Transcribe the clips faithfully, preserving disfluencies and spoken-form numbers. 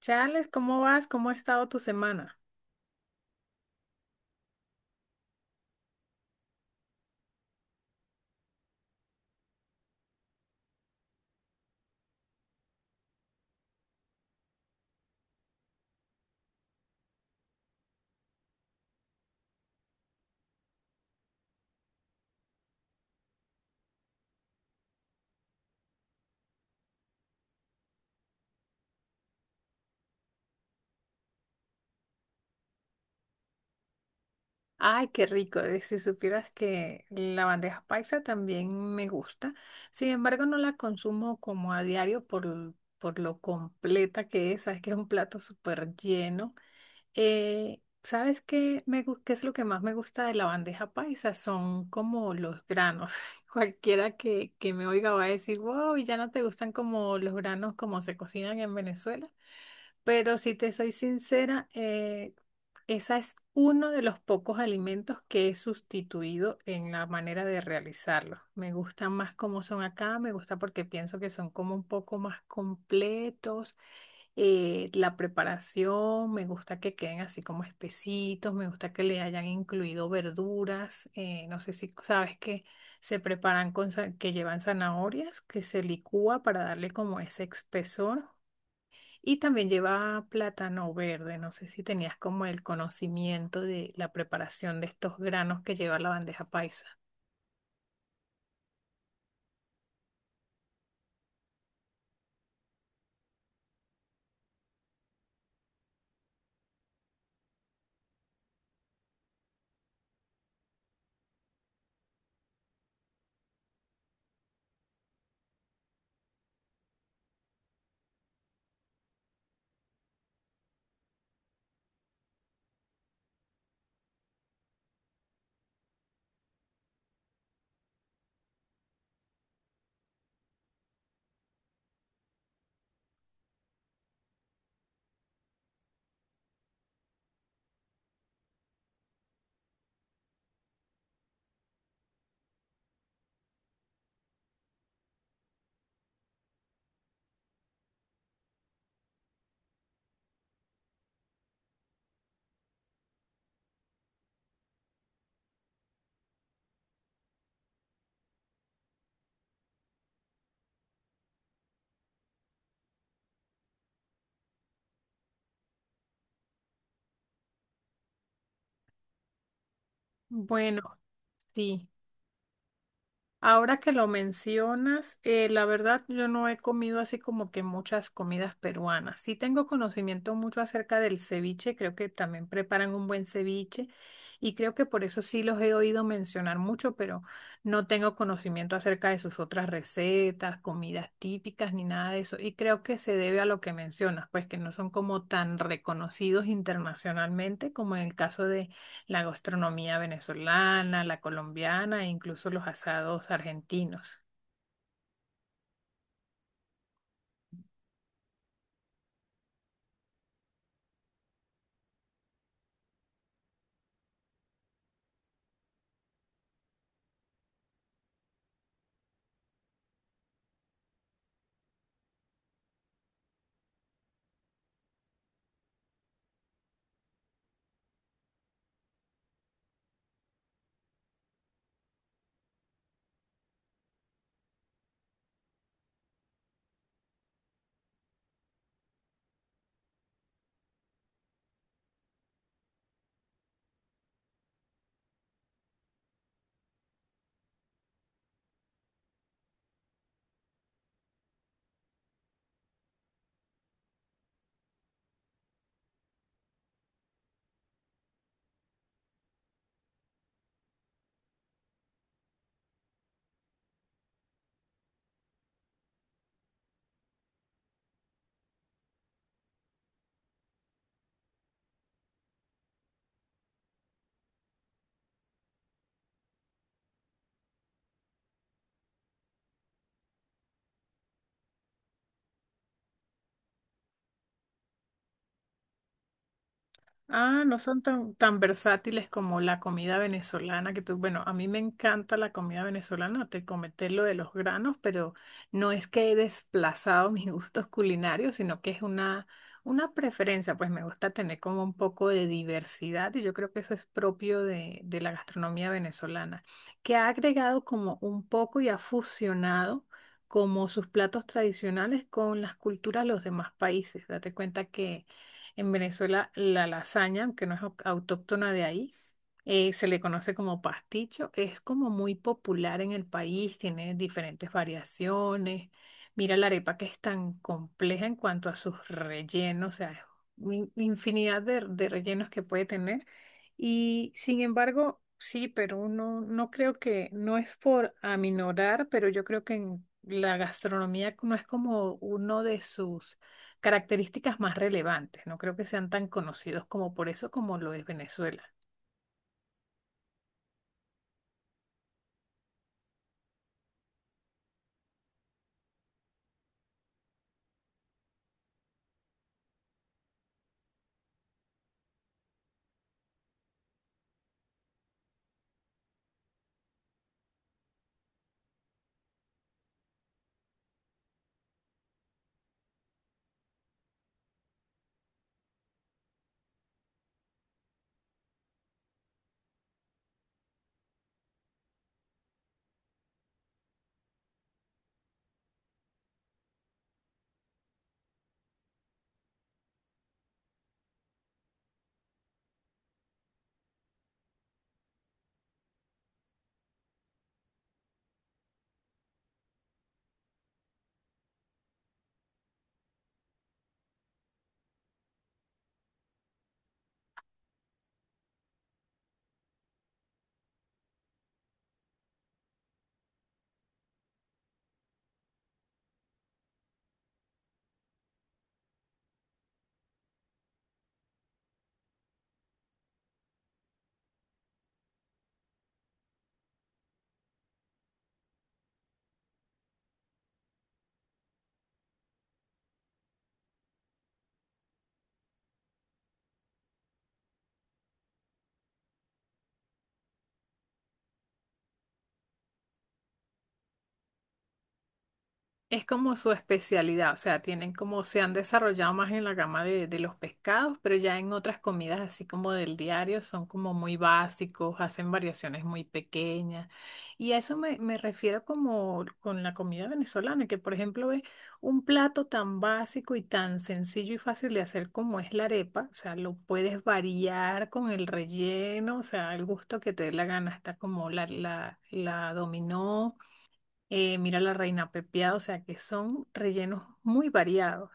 Charles, ¿cómo vas? ¿Cómo ha estado tu semana? Ay, qué rico. eh, Si supieras que la bandeja paisa también me gusta. Sin embargo, no la consumo como a diario por, por lo completa que es. Sabes que es un plato súper lleno. Eh, ¿sabes qué, me, gu- qué es lo que más me gusta de la bandeja paisa? Son como los granos. Cualquiera que, que me oiga va a decir, wow, ¿y ya no te gustan como los granos como se cocinan en Venezuela? Pero si te soy sincera, eh, esa es uno de los pocos alimentos que he sustituido en la manera de realizarlos. Me gustan más como son acá, me gusta porque pienso que son como un poco más completos. Eh, la preparación, me gusta que queden así como espesitos, me gusta que le hayan incluido verduras. Eh, no sé si sabes que se preparan con, za- que llevan zanahorias, que se licúa para darle como ese espesor. Y también lleva plátano verde. No sé si tenías como el conocimiento de la preparación de estos granos que lleva la bandeja paisa. Bueno, sí. Ahora que lo mencionas, eh, la verdad yo no he comido así como que muchas comidas peruanas. Sí tengo conocimiento mucho acerca del ceviche, creo que también preparan un buen ceviche y creo que por eso sí los he oído mencionar mucho, pero no tengo conocimiento acerca de sus otras recetas, comidas típicas ni nada de eso. Y creo que se debe a lo que mencionas, pues que no son como tan reconocidos internacionalmente como en el caso de la gastronomía venezolana, la colombiana e incluso los asados argentinos. Ah, no son tan, tan versátiles como la comida venezolana que tú, bueno, a mí me encanta la comida venezolana, te comenté lo de los granos, pero no es que he desplazado mis gustos culinarios, sino que es una, una preferencia, pues me gusta tener como un poco de diversidad y yo creo que eso es propio de, de la gastronomía venezolana, que ha agregado como un poco y ha fusionado como sus platos tradicionales con las culturas de los demás países. Date cuenta que en Venezuela, la lasaña, que no es au- autóctona de ahí, eh, se le conoce como pasticho. Es como muy popular en el país, tiene diferentes variaciones. Mira la arepa que es tan compleja en cuanto a sus rellenos, o sea, es in- infinidad de, de rellenos que puede tener. Y sin embargo, sí, pero no, no creo que, no es por aminorar, pero yo creo que en la gastronomía no es como uno de sus características más relevantes. No creo que sean tan conocidos como por eso como lo es Venezuela. Es como su especialidad, o sea, tienen como se han desarrollado más en la gama de, de los pescados, pero ya en otras comidas así como del diario son como muy básicos, hacen variaciones muy pequeñas. Y a eso me, me refiero como con la comida venezolana, que por ejemplo es un plato tan básico y tan sencillo y fácil de hacer como es la arepa, o sea, lo puedes variar con el relleno, o sea, el gusto que te dé la gana, está como la, la, la dominó eh, mira la reina pepiada, o sea que son rellenos muy variados.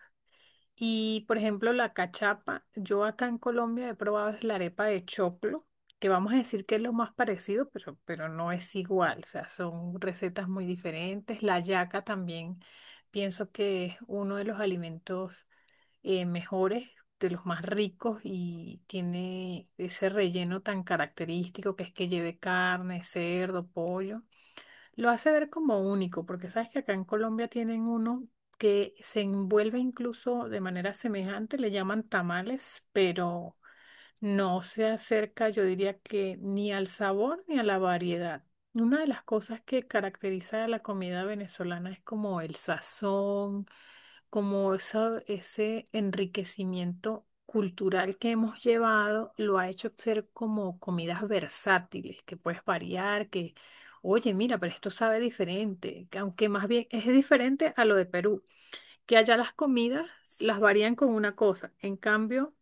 Y por ejemplo, la cachapa, yo acá en Colombia he probado es la arepa de choclo, que vamos a decir que es lo más parecido, pero, pero no es igual, o sea, son recetas muy diferentes. La yaca también pienso que es uno de los alimentos eh, mejores, de los más ricos y tiene ese relleno tan característico que es que lleve carne, cerdo, pollo. Lo hace ver como único, porque sabes que acá en Colombia tienen uno que se envuelve incluso de manera semejante, le llaman tamales, pero no se acerca, yo diría que ni al sabor ni a la variedad. Una de las cosas que caracteriza a la comida venezolana es como el sazón, como esa- ese enriquecimiento cultural que hemos llevado lo ha hecho ser como comidas versátiles, que puedes variar, que, oye, mira, pero esto sabe diferente, que aunque más bien es diferente a lo de Perú, que allá las comidas las varían con una cosa, en cambio...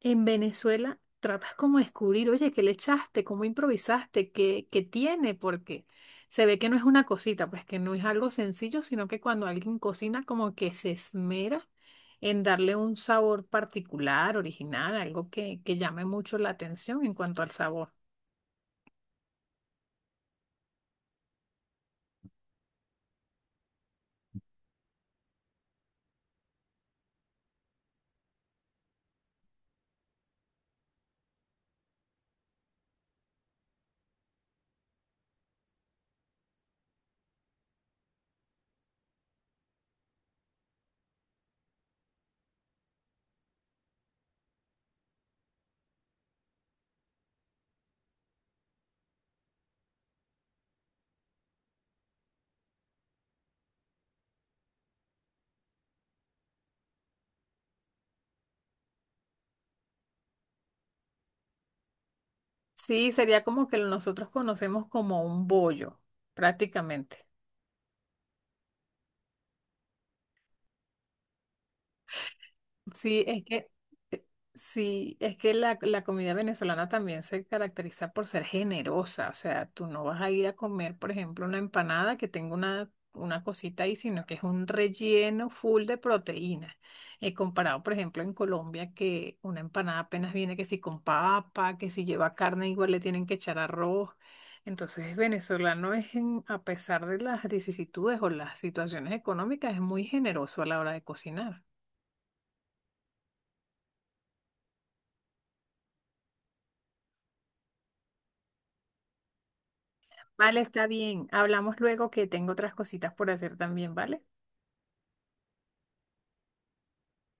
En Venezuela tratas como de descubrir, oye, ¿qué le echaste? ¿Cómo improvisaste? ¿Qué, qué tiene? Porque se ve que no es una cosita, pues que no es algo sencillo, sino que cuando alguien cocina como que se esmera en darle un sabor particular, original, algo que, que llame mucho la atención en cuanto al sabor. Sí, sería como que nosotros conocemos como un bollo, prácticamente. Sí, es que, eh, sí, es que la, la comida venezolana también se caracteriza por ser generosa. O sea, tú no vas a ir a comer, por ejemplo, una empanada que tenga una, una cosita ahí, sino que es un relleno full de proteína. Eh, comparado, por ejemplo, en Colombia, que una empanada apenas viene que si con papa, que si lleva carne, igual le tienen que echar arroz. Entonces, el venezolano es, en- a pesar de las vicisitudes o las situaciones económicas, es muy generoso a la hora de cocinar. Vale, está bien. Hablamos luego que tengo otras cositas por hacer también, ¿vale?